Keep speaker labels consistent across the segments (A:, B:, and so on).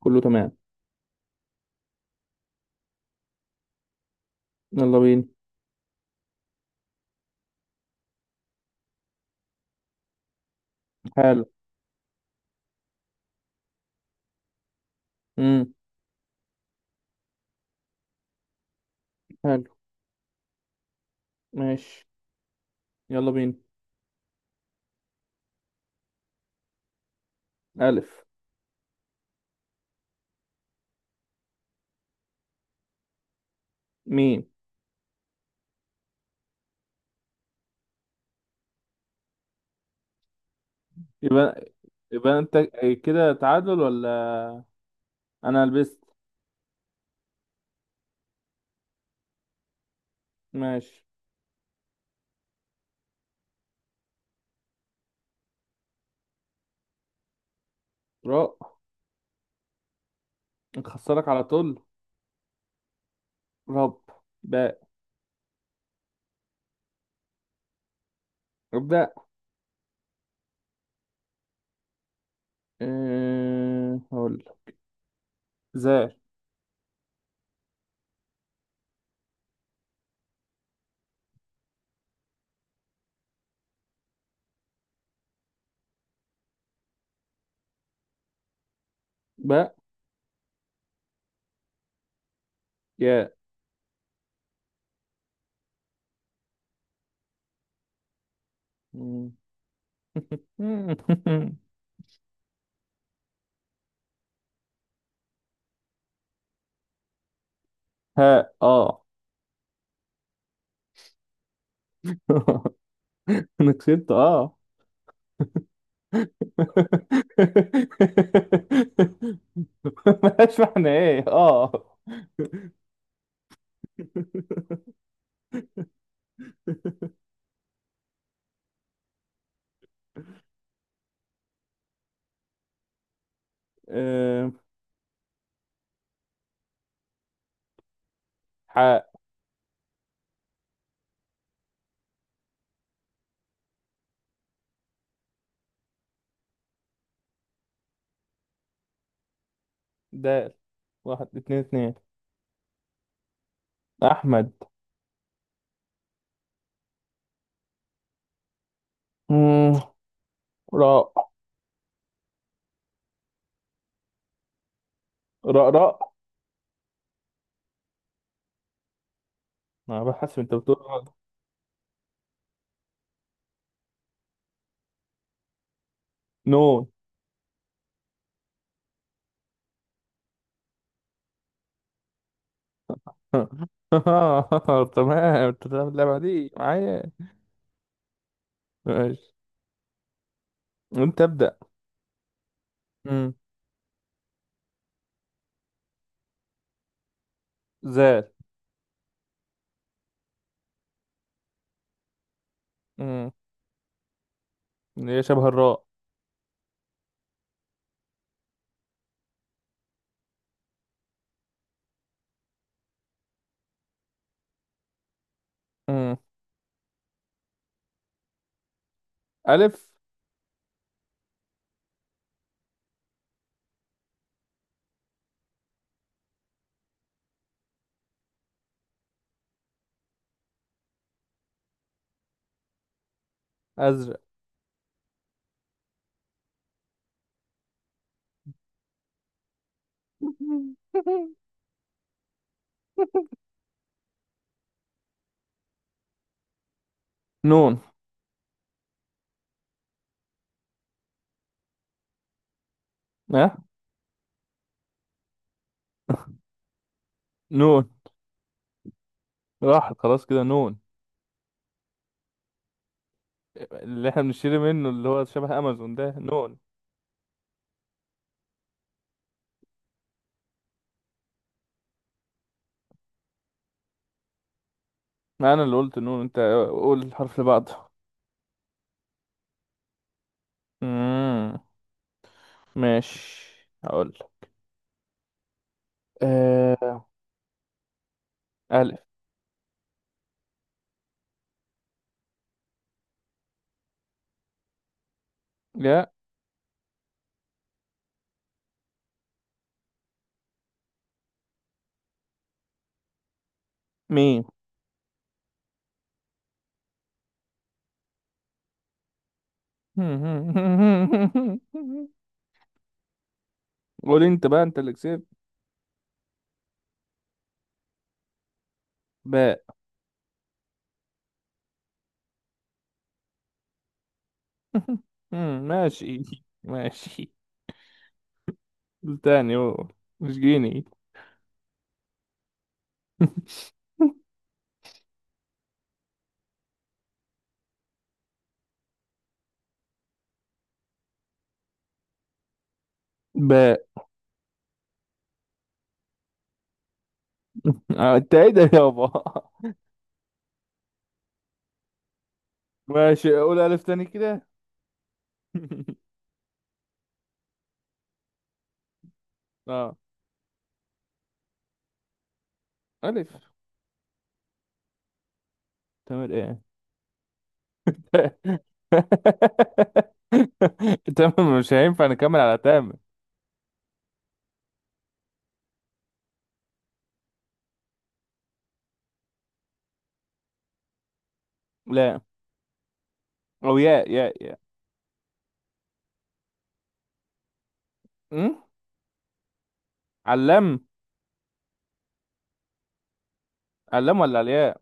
A: كله تمام. يلا بينا. حلو. امم حلو. ماشي. يلا بينا. ألف. ميم. يبقى يبقى انت. كده تعادل ولا انا لبست؟ ماشي. راء. نخسرك على طول. رب. باء. ابدأ. هقول لك. زي. باء. ياء. مم. ها. اه. أنا كسبت أه. ماشي، احنا ايه اه. أم، حاء. دال. واحد، اتنين، اتنين. أحمد. مم، راء، راء، راء. أنا بحس أنت بتقول غلط. نون. تمام، أنت بتلعب اللعبة دي معايا؟ ماشي، أنت ابدأ. مم، زال. مم، اللي هي شبه الراء. مم، ألف. أزرق. نون. ها. نون. راحت خلاص كده نون. اللي احنا بنشتري منه، اللي هو شبه أمازون، ده نون. ما انا اللي قلت نون، انت قول الحرف اللي بعده. امم ماشي. هقول. أه... الف. يا. ميم. قول انت بقى، انت اللي كسبت. باء. ماشي. ماشي. قول تاني، قول مش جيني. باء. انت ايه ده يابا؟ ماشي، قول الف تاني كده. اه. الف. تمام ايه؟ تمام، مش هينفع نكمل على تامر. لا. او ياء، ياء، ياء. أم؟ علام. علام ولا الياء؟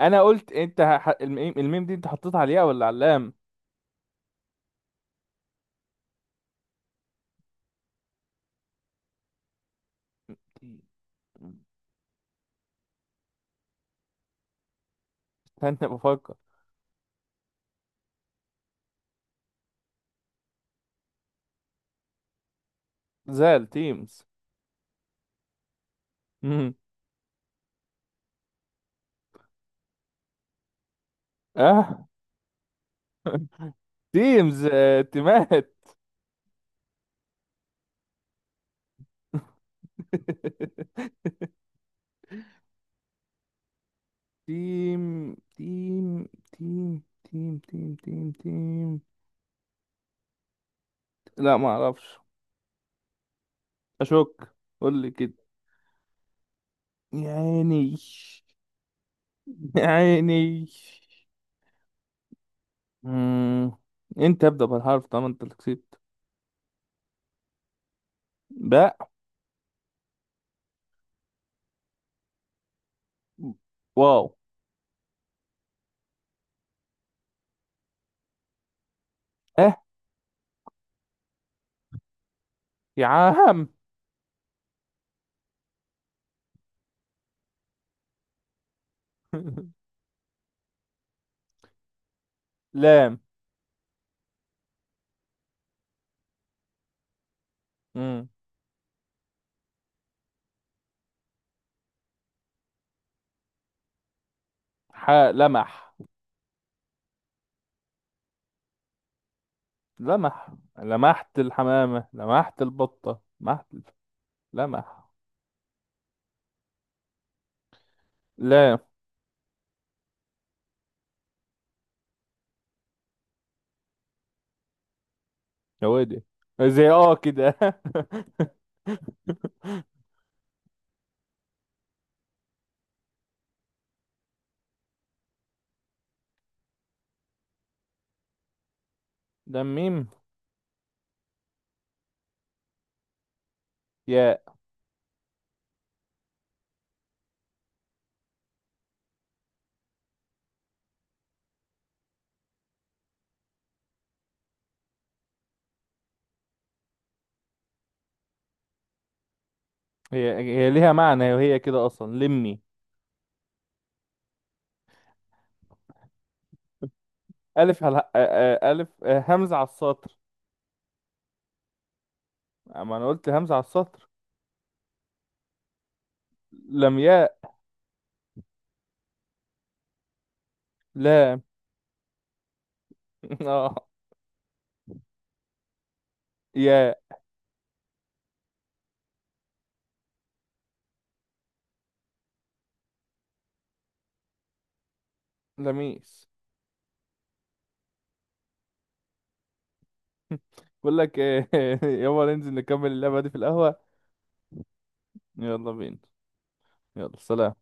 A: انا قلت انت الميم دي انت حطيتها على الياء ولا علام؟ استنى بفكر. زال، تيمز. أم. اه. تيمز. تيمات. تيم، تيم، تيم، تيم، تيم، تيم، تيم. لا، ما اعرفش. اشك. قول لي كده. يا عيني، يا عيني. مم. انت ابدأ بالحرف طالما انت اللي كسبت. باء. واو. اه يا عم. لام. مم. ح. لمح. لمح، لمحت الحمامة، لمحت البطة، لمحت. لمح. لام. يا ويلي. زي اه كده. ده ميم. يا. هي هي ليها معنى، وهي كده اصلا لمي. الف الف همزة على السطر. اما انا قلت همزة على السطر. لمياء. لام. اه. يا. لميس. بقول لك ايه. يلا ننزل نكمل اللعبة دي في القهوة. يلا بينا. يلا سلام.